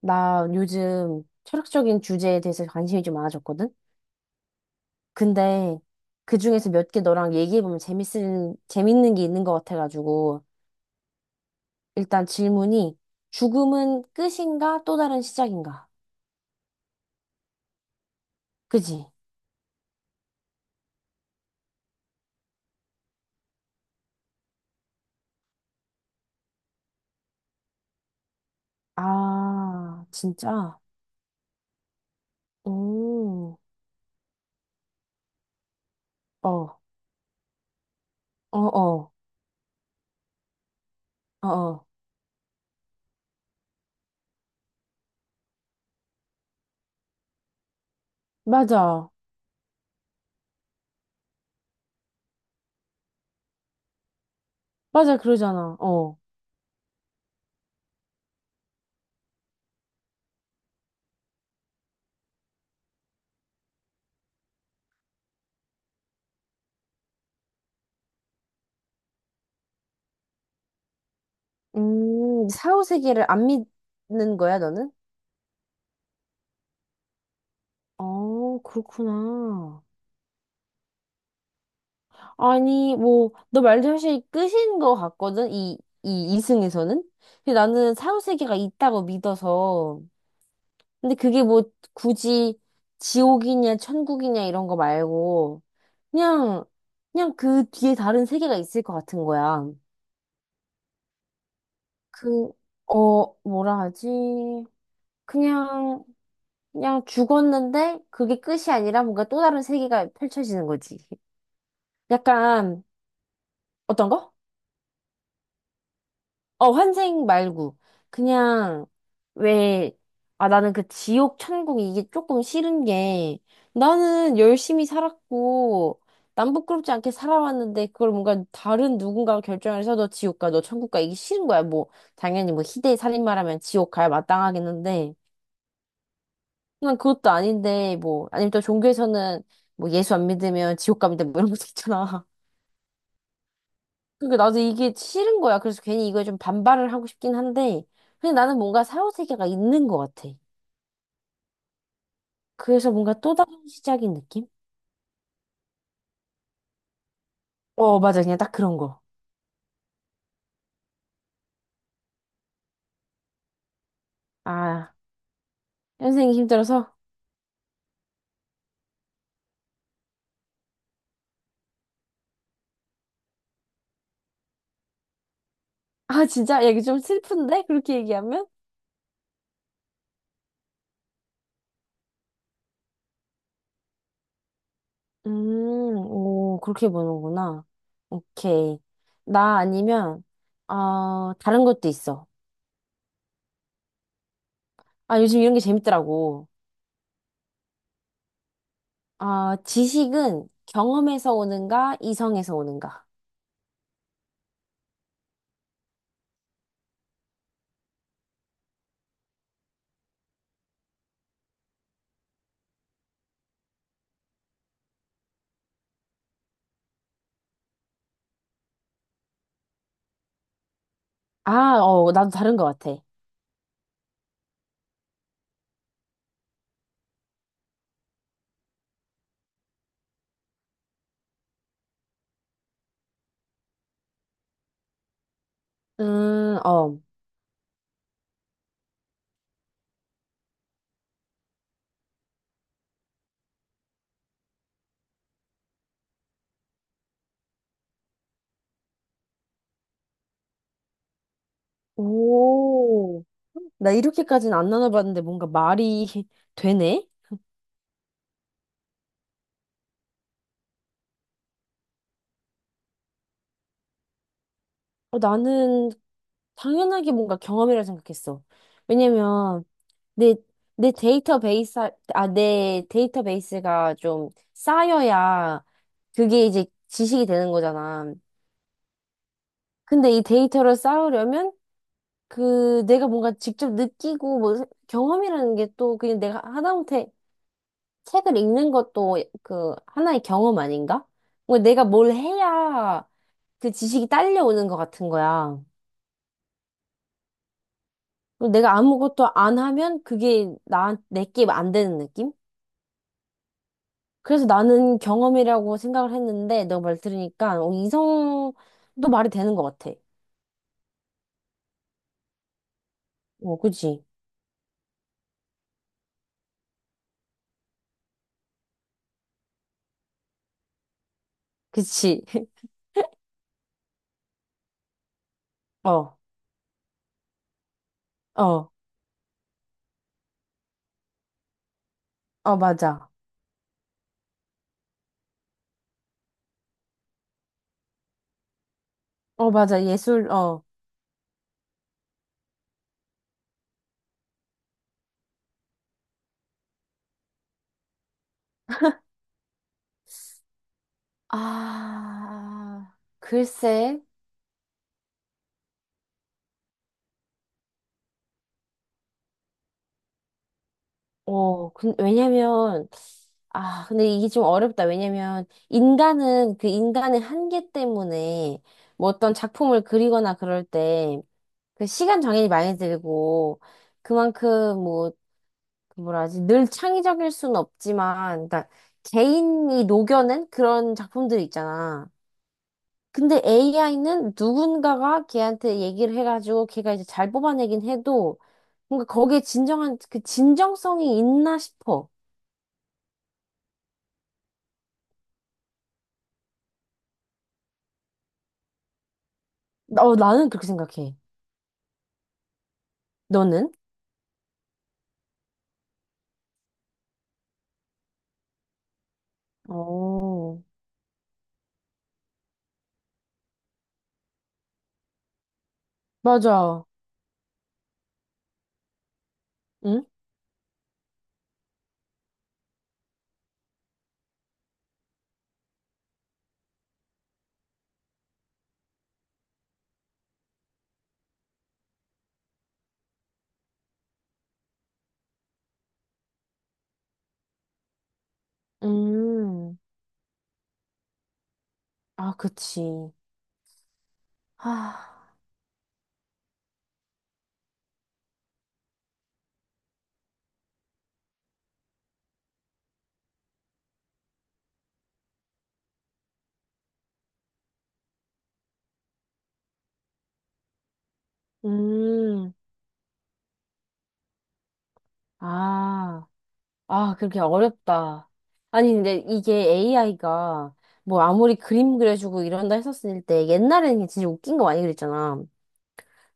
나 요즘 철학적인 주제에 대해서 관심이 좀 많아졌거든? 근데 그 중에서 몇 개 너랑 얘기해보면 재밌는 게 있는 것 같아가지고, 일단 질문이, 죽음은 끝인가 또 다른 시작인가? 그지? 아, 진짜? 오, 어, 어, 어, 어, 어. 맞아. 맞아, 그러잖아. 어. 사후세계를 안 믿는 거야, 너는? 어, 그렇구나. 아니, 뭐, 너 말도 사실 끝인 것 같거든, 이 이승에서는 근데 나는 사후세계가 있다고 믿어서. 근데 그게 뭐, 굳이 지옥이냐, 천국이냐, 이런 거 말고, 그냥, 그냥 그 뒤에 다른 세계가 있을 것 같은 거야. 그, 어, 뭐라 하지? 그냥, 그냥 죽었는데, 그게 끝이 아니라 뭔가 또 다른 세계가 펼쳐지는 거지. 약간, 어떤 거? 어, 환생 말고. 그냥, 왜, 아, 나는 그 지옥, 천국 이게 조금 싫은 게, 나는 열심히 살았고, 남 부끄럽지 않게 살아왔는데, 그걸 뭔가 다른 누군가가 결정을 해서 너 지옥 가, 너 천국 가, 이게 싫은 거야. 뭐, 당연히 뭐, 희대의 살인마라면 지옥 가야 마땅하긴 한데, 난 그것도 아닌데, 뭐, 아니면 또 종교에서는 뭐, 예수 안 믿으면 지옥 갑니다, 뭐 이런 것도 있잖아. 그러니까 나도 이게 싫은 거야. 그래서 괜히 이거에 좀 반발을 하고 싶긴 한데, 그냥 나는 뭔가 사후세계가 있는 것 같아. 그래서 뭔가 또 다른 시작인 느낌? 어, 맞아. 그냥 딱 그런 거. 아, 현생이 힘들어서. 아, 진짜? 야, 이게 좀 슬픈데? 그렇게 얘기하면? 오, 그렇게 보는구나. 오케이. 나 아니면, 어, 다른 것도 있어. 아, 요즘 이런 게 재밌더라고. 아, 지식은 경험에서 오는가, 이성에서 오는가. 아, 어, 나도 다른 것 같아. 어. 오. 나 이렇게까지는 안 나눠봤는데 뭔가 말이 되네? 어, 나는 당연하게 뭔가 경험이라 생각했어. 왜냐면 내, 내 데이터베이스, 아, 내 데이터베이스가 좀 쌓여야 그게 이제 지식이 되는 거잖아. 근데 이 데이터를 쌓으려면 그 내가 뭔가 직접 느끼고 뭐 경험이라는 게 또 그냥 내가 하다못해 책을 읽는 것도 그 하나의 경험 아닌가? 뭐 내가 뭘 해야 그 지식이 딸려오는 것 같은 거야. 그리고 내가 아무것도 안 하면 그게 나, 내게 안 되는 느낌? 그래서 나는 경험이라고 생각을 했는데 너 말 들으니까 어, 이성도 말이 되는 것 같아. 어, 그지? 그치? 어, 어, 어, 맞아. 어, 맞아. 예술, 어. 아, 글쎄. 어, 근 왜냐면, 아, 근데 이게 좀 어렵다. 왜냐면, 인간은 그 인간의 한계 때문에, 뭐 어떤 작품을 그리거나 그럴 때, 그 시간 장애이 많이 들고, 그만큼 뭐, 그 뭐라 하지, 늘 창의적일 순 없지만, 그러니까 개인이 녹여낸 그런 작품들 있잖아. 근데 AI는 누군가가 걔한테 얘기를 해가지고, 걔가 이제 잘 뽑아내긴 해도, 뭔가 거기에 진정한, 그 진정성이 있나 싶어. 어, 나는 그렇게 생각해. 너는? 어, 맞아. 응? 음. 아, 그치. 하, 음. 아, 아, 그렇게 어렵다. 아니, 근데 이게 AI가 뭐 아무리 그림 그려주고 이런다 했었을 때 옛날에는 진짜 웃긴 거 많이 그랬잖아.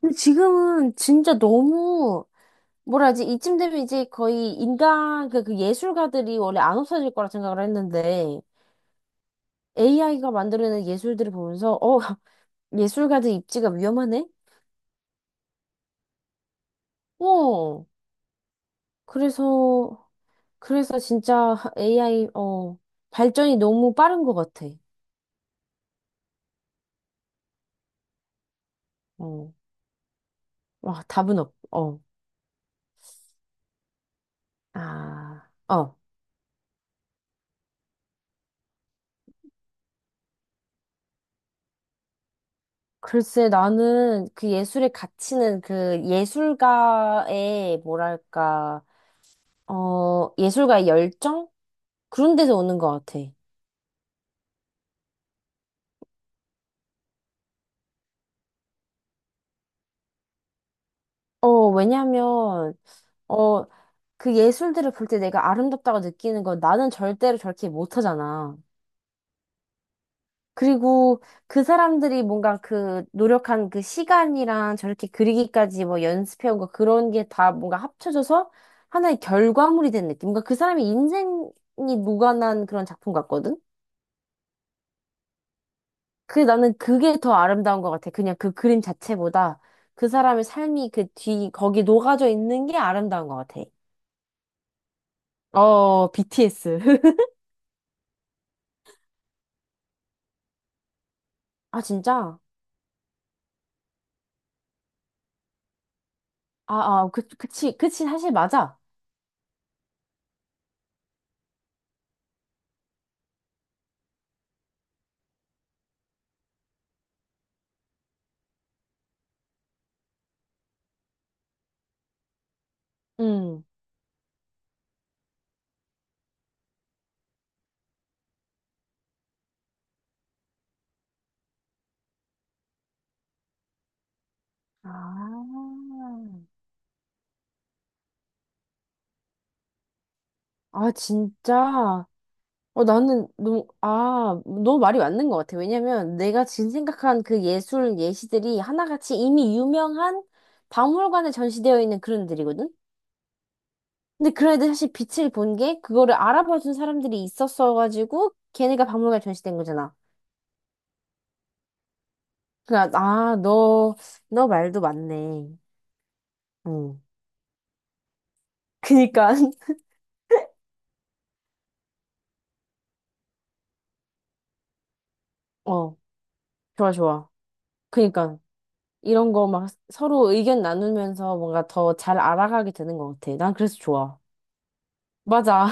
근데 지금은 진짜 너무 뭐라 하지? 이쯤 되면 이제 거의 인간, 그, 그 예술가들이 원래 안 없어질 거라 생각을 했는데 AI가 만들어 예술들을 보면서 어, 예술가들 입지가 위험하네? 어, 그래서, 그래서 진짜 AI, 어, 발전이 너무 빠른 것 같아. 어, 와, 답은 없, 어, 아, 어. 글쎄, 나는 그 예술의 가치는 그 예술가의, 뭐랄까, 어, 예술가의 열정? 그런 데서 오는 것 같아. 어, 왜냐면, 어, 그 예술들을 볼 때 내가 아름답다고 느끼는 건 나는 절대로 저렇게 못하잖아. 그리고 그 사람들이 뭔가 그 노력한 그 시간이랑 저렇게 그리기까지 뭐 연습해온 거 그런 게 다 뭔가 합쳐져서 하나의 결과물이 된 느낌. 뭔가 그 사람의 인생이 녹아난 그런 작품 같거든? 그 나는 그게 더 아름다운 것 같아. 그냥 그 그림 자체보다 그 사람의 삶이 그 뒤, 거기 녹아져 있는 게 아름다운 것 같아. 어, BTS. 아, 진짜? 아, 아, 그, 그치, 그치, 사실 맞아. 응. 아, 아, 진짜. 어, 아, 너무 말이 맞는 것 같아. 왜냐면 내가 지금 생각한 그 예술 예시들이 하나같이 이미 유명한 박물관에 전시되어 있는 그런 들이거든 근데 그런 애들 사실 빛을 본 게 그거를 알아봐준 사람들이 있었어가지고 걔네가 박물관에 전시된 거잖아. 그러니까, 아, 너, 너 말도 맞네. 응. 그니까, 어, 좋아, 좋아. 그니까. 이런 거 막 서로 의견 나누면서 뭔가 더 잘 알아가게 되는 것 같아. 난 그래서 좋아. 맞아.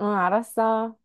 응, 알았어.